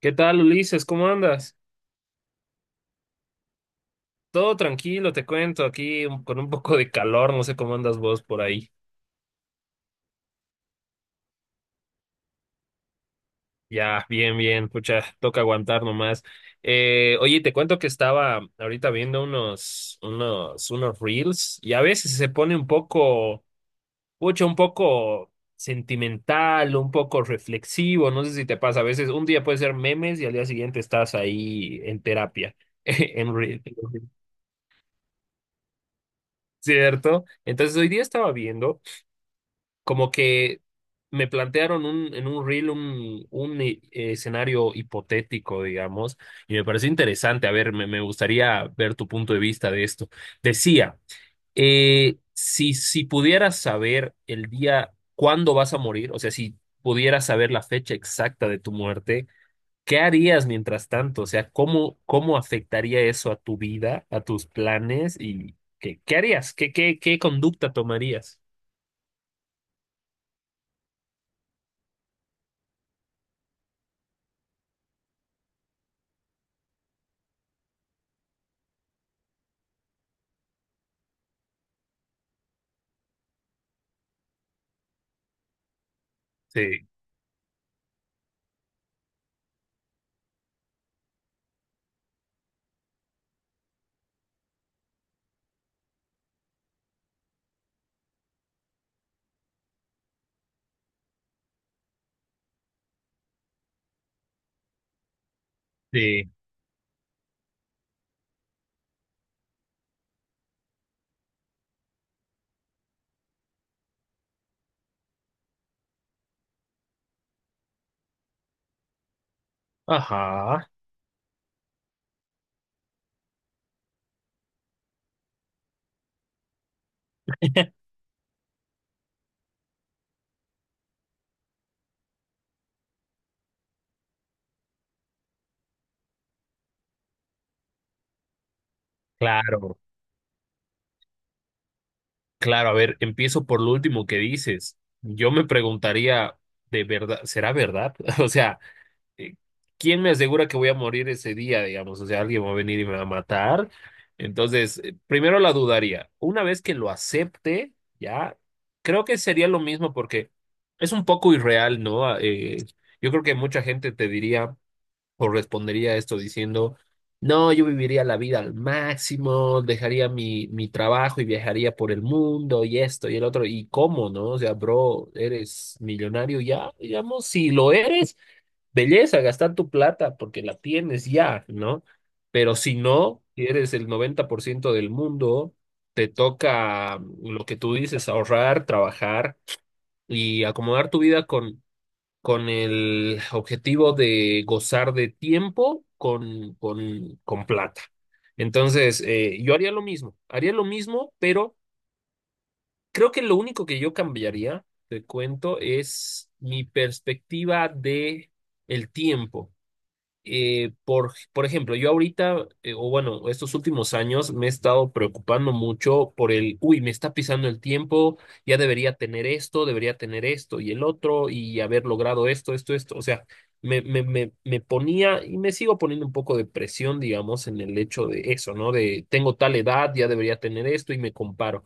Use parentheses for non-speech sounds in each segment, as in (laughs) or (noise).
¿Qué tal, Ulises? ¿Cómo andas? Todo tranquilo, te cuento, aquí con un poco de calor, no sé cómo andas vos por ahí. Ya, bien, bien, pucha, toca aguantar nomás. Oye, te cuento que estaba ahorita viendo unos reels y a veces se pone pucha, un poco sentimental, un poco reflexivo, no sé si te pasa, a veces un día puede ser memes y al día siguiente estás ahí en terapia, (laughs) en reel, ¿cierto? Entonces hoy día estaba viendo, como que me plantearon en un reel un escenario hipotético, digamos, y me pareció interesante. A ver, me gustaría ver tu punto de vista de esto. Decía, si pudieras saber el día cuándo vas a morir, o sea, si pudieras saber la fecha exacta de tu muerte, ¿qué harías mientras tanto? O sea, ¿cómo afectaría eso a tu vida, a tus planes y qué harías? ¿Qué conducta tomarías? Sí. Sí. Ajá, (laughs) claro, claro. A ver, empiezo por lo último que dices. Yo me preguntaría, ¿de verdad? ¿Será verdad? (laughs) O sea, eh, ¿quién me asegura que voy a morir ese día, digamos? O sea, alguien va a venir y me va a matar. Entonces, primero la dudaría. Una vez que lo acepte, ya, creo que sería lo mismo porque es un poco irreal, ¿no? Ah, yo creo que mucha gente te diría, correspondería a esto diciendo, no, yo viviría la vida al máximo, dejaría mi trabajo y viajaría por el mundo y esto y el otro. ¿Y cómo, no? O sea, bro, eres millonario ya, digamos, si lo eres, belleza, gastar tu plata porque la tienes ya, ¿no? Pero si no, si eres el 90% del mundo, te toca lo que tú dices, ahorrar, trabajar y acomodar tu vida con el objetivo de gozar de tiempo con plata. Entonces, yo haría lo mismo, pero creo que lo único que yo cambiaría, te cuento, es mi perspectiva de el tiempo, por ejemplo, yo ahorita, o bueno, estos últimos años me he estado preocupando mucho uy, me está pisando el tiempo, ya debería tener esto y el otro, y haber logrado esto, esto, esto. O sea, me ponía y me sigo poniendo un poco de presión, digamos, en el hecho de eso, ¿no? De tengo tal edad, ya debería tener esto y me comparo.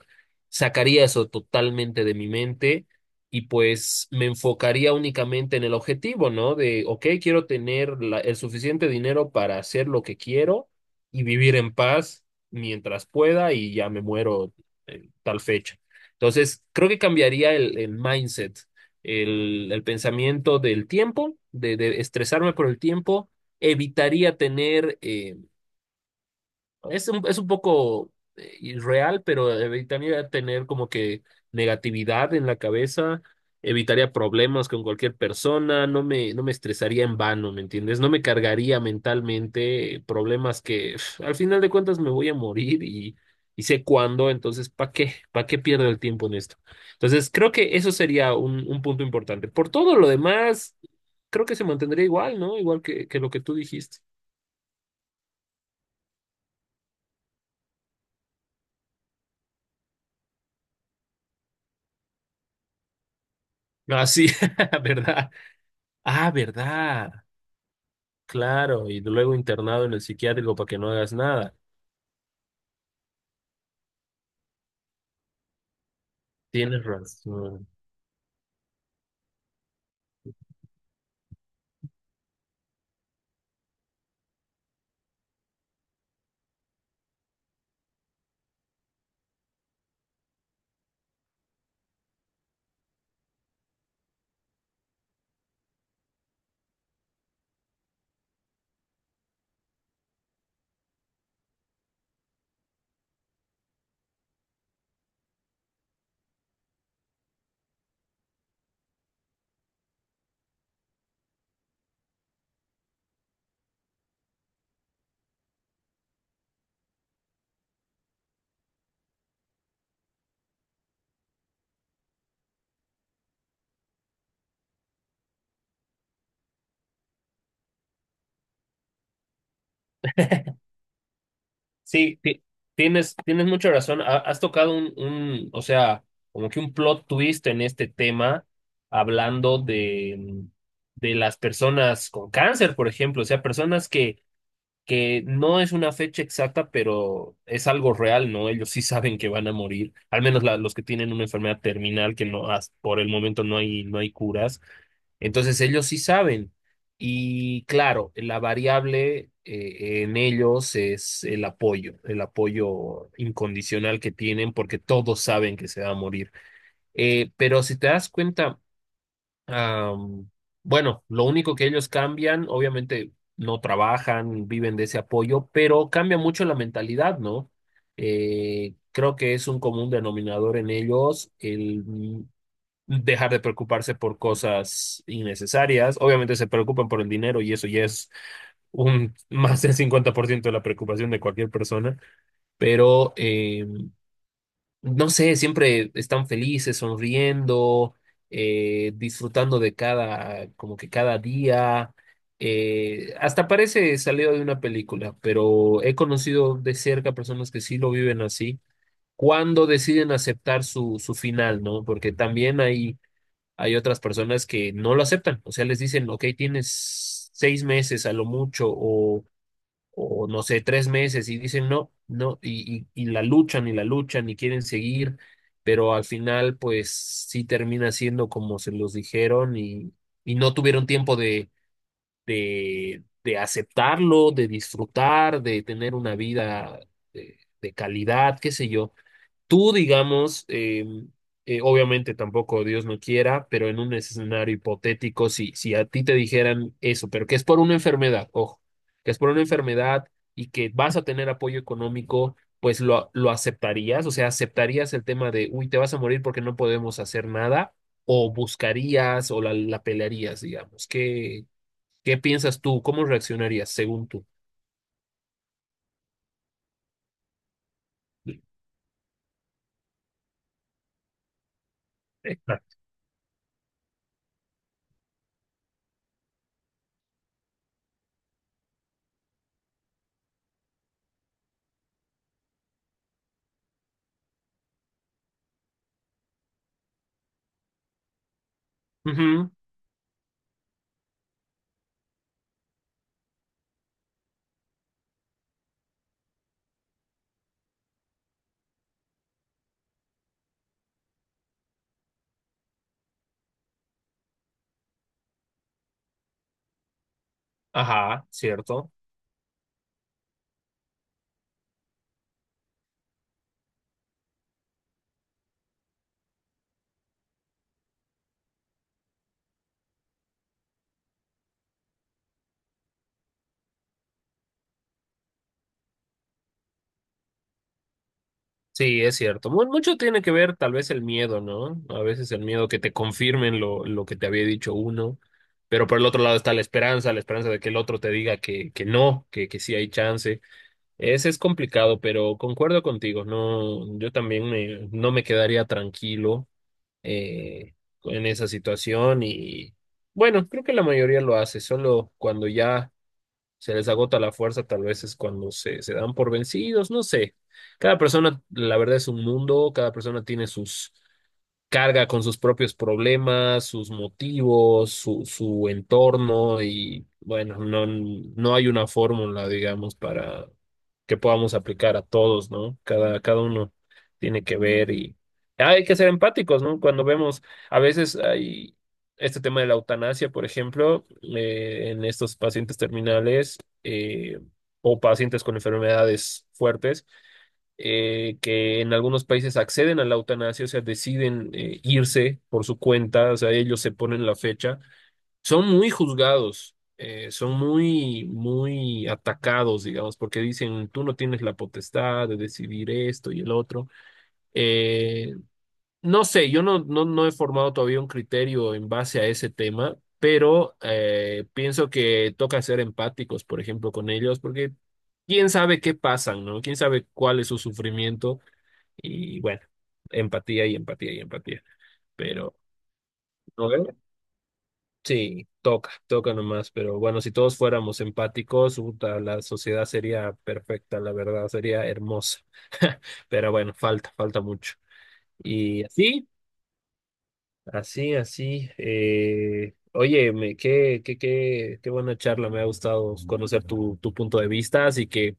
Sacaría eso totalmente de mi mente y pues me enfocaría únicamente en el objetivo, ¿no? De, ok, quiero tener el suficiente dinero para hacer lo que quiero y vivir en paz mientras pueda y ya me muero en tal fecha. Entonces, creo que cambiaría el mindset, el pensamiento del tiempo, de estresarme por el tiempo, evitaría tener, es un poco irreal, pero evitaría tener como que negatividad en la cabeza, evitaría problemas con cualquier persona, no me estresaría en vano, ¿me entiendes? No me cargaría mentalmente problemas que al final de cuentas me voy a morir y sé cuándo, entonces, ¿para qué? ¿Para qué pierdo el tiempo en esto? Entonces, creo que eso sería un punto importante. Por todo lo demás, creo que se mantendría igual, ¿no? Igual que lo que tú dijiste. Ah, sí, (laughs) ¿verdad? Ah, ¿verdad? Claro, y luego internado en el psiquiátrico para que no hagas nada. Tienes razón. Sí, tienes mucha razón. Has tocado o sea, como que un plot twist en este tema, hablando de las personas con cáncer, por ejemplo. O sea, personas que no es una fecha exacta, pero es algo real, ¿no? Ellos sí saben que van a morir, al menos los que tienen una enfermedad terminal, que no, por el momento no hay curas. Entonces ellos sí saben. Y claro, la variable, en ellos es el apoyo incondicional que tienen porque todos saben que se va a morir. Pero si te das cuenta, am, bueno, lo único que ellos cambian, obviamente no trabajan, viven de ese apoyo, pero cambia mucho la mentalidad, ¿no? Creo que es un común denominador en ellos el dejar de preocuparse por cosas innecesarias. Obviamente se preocupan por el dinero y eso ya es un (laughs) más del 50% de la preocupación de cualquier persona, pero no sé, siempre están felices, sonriendo, disfrutando de cada, como que cada día. Hasta parece salido de una película, pero he conocido de cerca personas que sí lo viven así, cuando deciden aceptar su final, ¿no? Porque también hay otras personas que no lo aceptan, o sea, les dicen, ok, tienes 6 meses a lo mucho o, no sé, 3 meses, y dicen no, no, y la luchan y la luchan y quieren seguir, pero al final pues sí termina siendo como se los dijeron y no tuvieron tiempo de aceptarlo, de disfrutar, de tener una vida de calidad, qué sé yo. Tú, digamos, obviamente tampoco Dios no quiera, pero en un escenario hipotético, si a ti te dijeran eso, pero que es por una enfermedad, ojo, que es por una enfermedad y que vas a tener apoyo económico, pues lo aceptarías, o sea, aceptarías el tema de, uy, te vas a morir porque no podemos hacer nada, o buscarías o la pelearías, digamos. ¿Qué piensas tú? ¿Cómo reaccionarías según tú? Exacto. Ujú. Ajá, cierto. Sí, es cierto. Mucho tiene que ver tal vez el miedo, ¿no? A veces el miedo que te confirmen lo que te había dicho uno, pero por el otro lado está la esperanza de que el otro te diga que no, que sí hay chance. Ese es complicado, pero concuerdo contigo, no, yo también no me quedaría tranquilo eh, en esa situación y bueno, creo que la mayoría lo hace, solo cuando ya se les agota la fuerza, tal vez es cuando se dan por vencidos, no sé. Cada persona, la verdad, es un mundo, cada persona tiene sus carga con sus propios problemas, sus motivos, su entorno y bueno, no, no hay una fórmula, digamos, para que podamos aplicar a todos, ¿no? Cada uno tiene que ver y ah, hay que ser empáticos, ¿no? Cuando vemos, a veces hay este tema de la eutanasia, por ejemplo, en estos pacientes terminales, eh, o pacientes con enfermedades fuertes, que en algunos países acceden a la eutanasia, o sea, deciden irse por su cuenta, o sea, ellos se ponen la fecha, son muy juzgados, son muy, muy atacados, digamos, porque dicen, tú no tienes la potestad de decidir esto y el otro. Eh, no sé, yo no he formado todavía un criterio en base a ese tema. Pero pienso que toca ser empáticos, por ejemplo, con ellos, porque quién sabe qué pasan, ¿no? Quién sabe cuál es su sufrimiento y bueno, empatía y empatía y empatía. Pero ¿no ve? Sí, toca, toca nomás. Pero bueno, si todos fuéramos empáticos, puta, la sociedad sería perfecta, la verdad, sería hermosa. Pero bueno, falta, falta mucho. Y así. Así, así. Oye, qué buena charla. Me ha gustado conocer tu punto de vista. Así que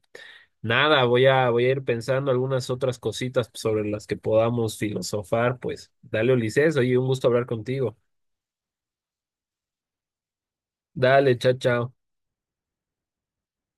nada, voy a ir pensando algunas otras cositas sobre las que podamos filosofar. Pues dale, Ulises. Oye, un gusto hablar contigo. Dale, chao, chao.